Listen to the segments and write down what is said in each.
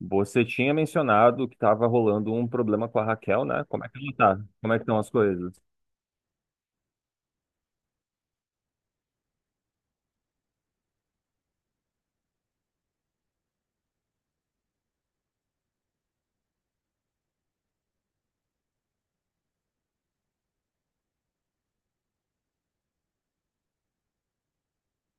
Você tinha mencionado que estava rolando um problema com a Raquel, né? Como é que ela tá? Como é que estão as coisas?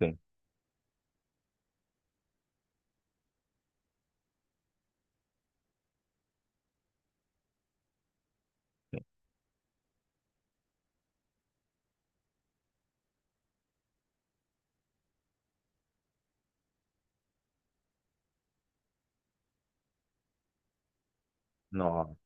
Sim, sim. Nossa,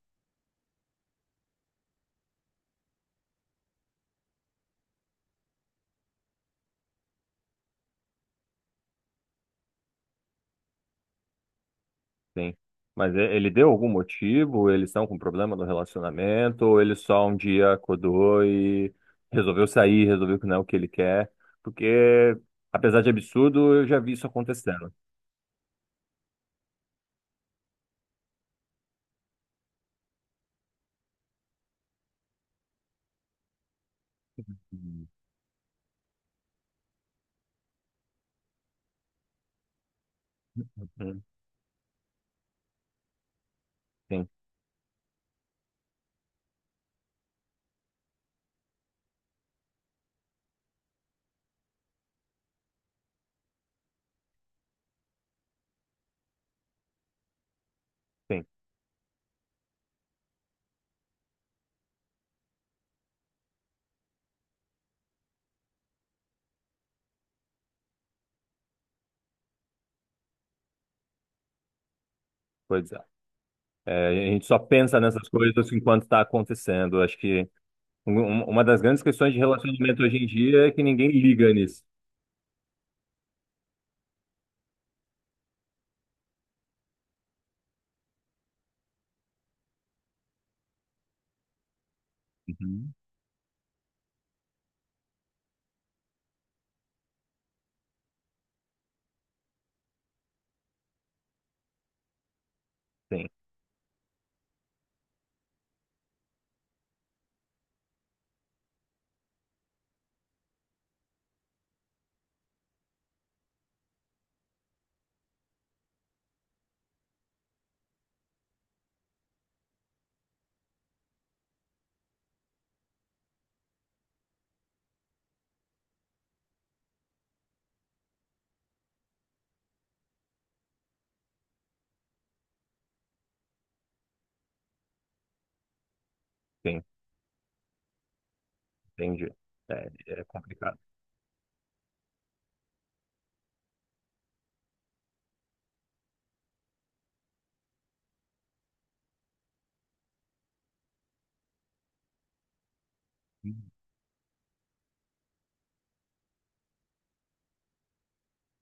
sim. Mas ele deu algum motivo? Eles estão com problema no relacionamento? Ou ele só um dia acordou e resolveu sair, resolveu que não é o que ele quer? Porque, apesar de absurdo, eu já vi isso acontecendo. Uhum, uhum, sim, sim. Pois é. É, a gente só pensa nessas coisas enquanto está acontecendo. Acho que Uma das grandes questões de relacionamento hoje em dia é que ninguém liga nisso. Uhum. Sim, sim, entendi. É, é complicado.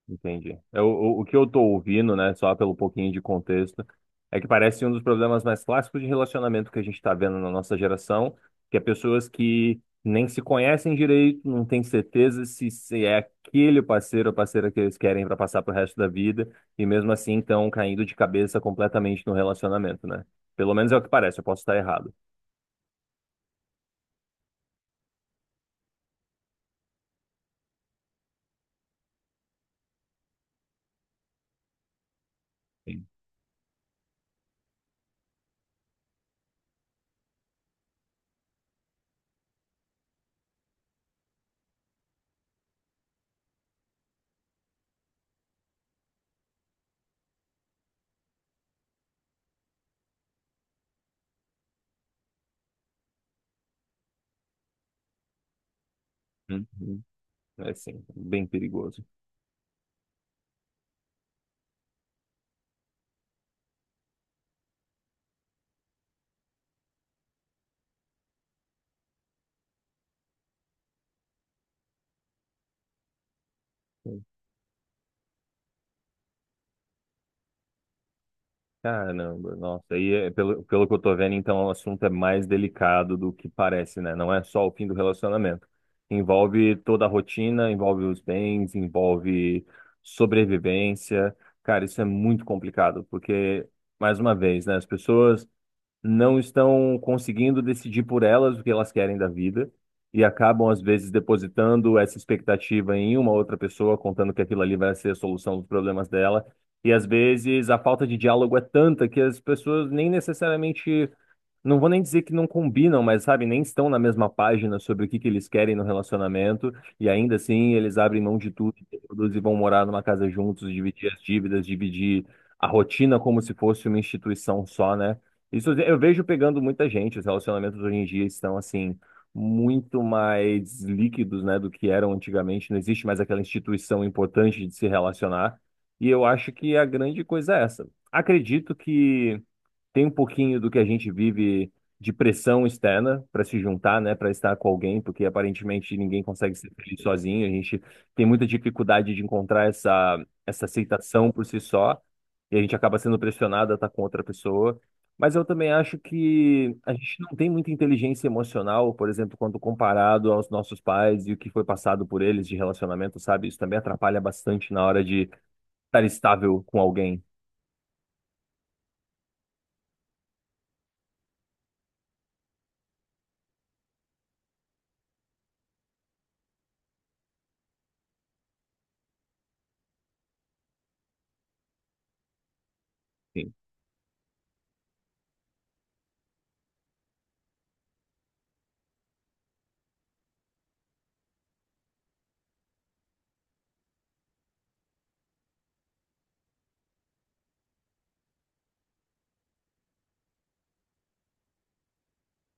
Entendi. O que eu tô ouvindo, né, só pelo pouquinho de contexto, é que parece um dos problemas mais clássicos de relacionamento que a gente tá vendo na nossa geração, que é pessoas que nem se conhecem direito, não têm certeza se é aquele parceiro ou parceira que eles querem para passar pro resto da vida, e mesmo assim estão caindo de cabeça completamente no relacionamento, né? Pelo menos é o que parece, eu posso estar errado. Sim. Hum. Uhum. É sim, bem perigoso. Caramba, nossa, pelo que eu tô vendo, então o assunto é mais delicado do que parece, né? Não é só o fim do relacionamento. Envolve toda a rotina, envolve os bens, envolve sobrevivência. Cara, isso é muito complicado, porque, mais uma vez, né? As pessoas não estão conseguindo decidir por elas o que elas querem da vida e acabam, às vezes, depositando essa expectativa em uma outra pessoa, contando que aquilo ali vai ser a solução dos problemas dela. E, às vezes, a falta de diálogo é tanta que as pessoas nem necessariamente não vou nem dizer que não combinam, mas sabe, nem estão na mesma página sobre o que que eles querem no relacionamento, e ainda assim eles abrem mão de tudo, se reproduzem e vão morar numa casa juntos, dividir as dívidas, dividir a rotina como se fosse uma instituição só, né? Isso eu vejo pegando muita gente, os relacionamentos hoje em dia estão assim muito mais líquidos, né, do que eram antigamente, não existe mais aquela instituição importante de se relacionar, e eu acho que a grande coisa é essa. Acredito que tem um pouquinho do que a gente vive de pressão externa para se juntar, né, para estar com alguém, porque aparentemente ninguém consegue ser feliz sozinho. A gente tem muita dificuldade de encontrar essa aceitação por si só, e a gente acaba sendo pressionado a estar com outra pessoa. Mas eu também acho que a gente não tem muita inteligência emocional, por exemplo, quando comparado aos nossos pais e o que foi passado por eles de relacionamento, sabe? Isso também atrapalha bastante na hora de estar estável com alguém. Sim.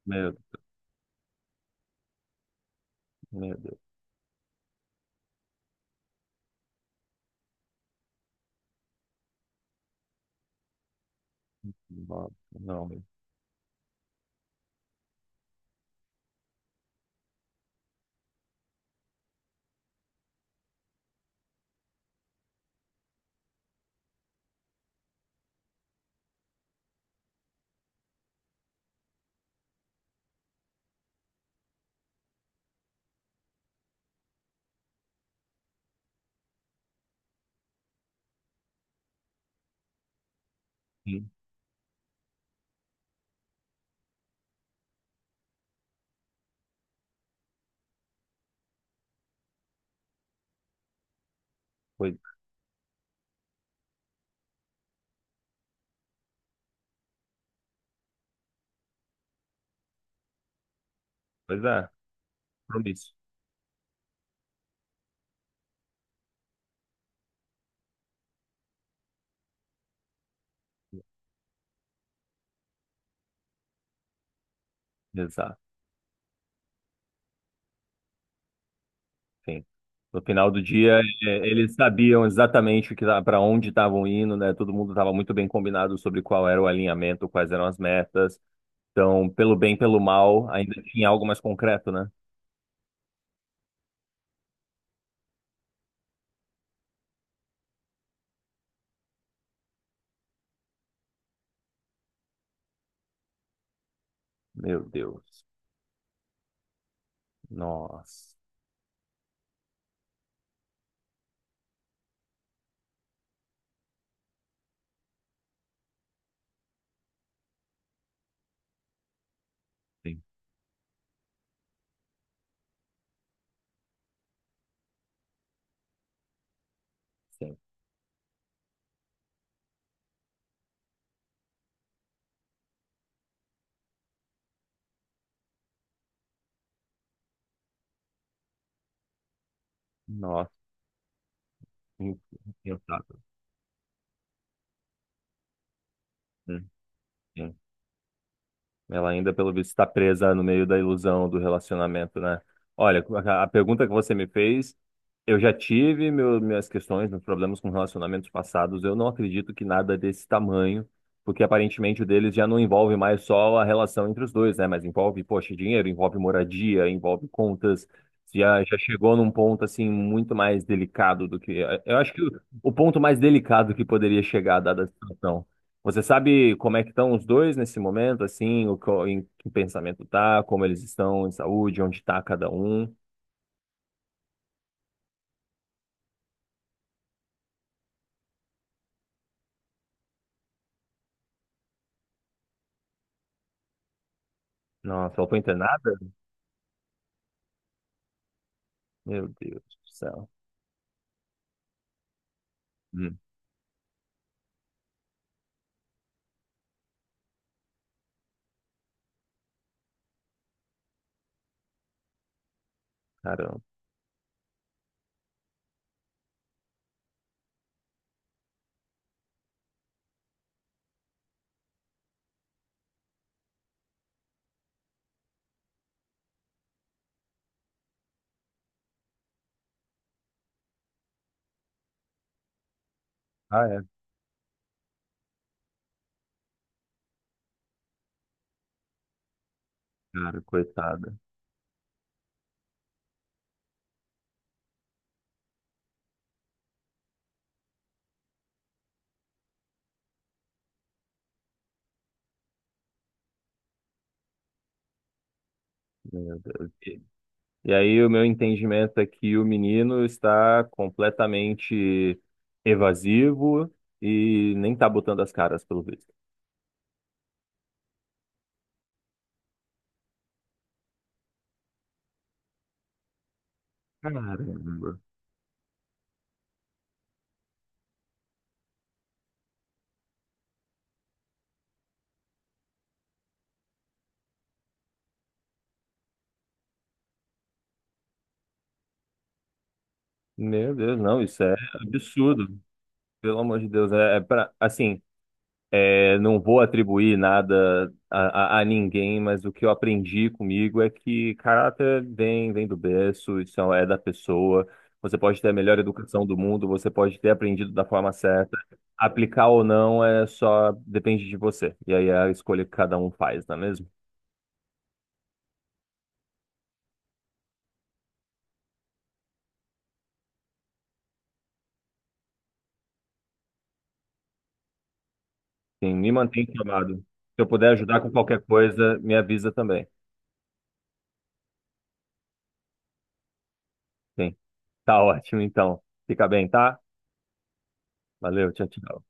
Meu, meu Deus. Não, não. Sim, pois, pois é, compromisso. Exato, sim. No final do dia, é, eles sabiam exatamente para onde estavam indo, né? Todo mundo estava muito bem combinado sobre qual era o alinhamento, quais eram as metas. Então, pelo bem, pelo mal, ainda tinha algo mais concreto, né? Meu Deus. Nossa. Sim, sim. Nossa. Impensável. Hum, sim. Ela ainda, pelo visto, está presa no meio da ilusão do relacionamento, né? Olha, a pergunta que você me fez. Eu já tive minhas questões, meus problemas com relacionamentos passados. Eu não acredito que nada desse tamanho, porque aparentemente o deles já não envolve mais só a relação entre os dois, né? Mas envolve, poxa, dinheiro, envolve moradia, envolve contas. Já, já chegou num ponto assim muito mais delicado do que. Eu acho que o ponto mais delicado que poderia chegar, dada a situação. Você sabe como é que estão os dois nesse momento, assim, em que pensamento tá, como eles estão em saúde, onde está cada um? Nossa, ela foi internada? Meu Deus do céu. Hum, caramba. Ah, é, cara, coitada. Meu Deus. E aí, o meu entendimento é que o menino está completamente evasivo e nem tá botando as caras, pelo visto. Caramba. Meu Deus, não, isso é absurdo. Pelo amor de Deus, é, é pra, assim, é, não vou atribuir nada a, a ninguém, mas o que eu aprendi comigo é que caráter vem, vem do berço, isso é da pessoa. Você pode ter a melhor educação do mundo, você pode ter aprendido da forma certa. Aplicar ou não é só depende de você. E aí é a escolha que cada um faz, não é mesmo? Sim, me mantém informado. Se eu puder ajudar com qualquer coisa, me avisa também. Sim, tá ótimo então. Fica bem, tá? Valeu, tchau, tchau.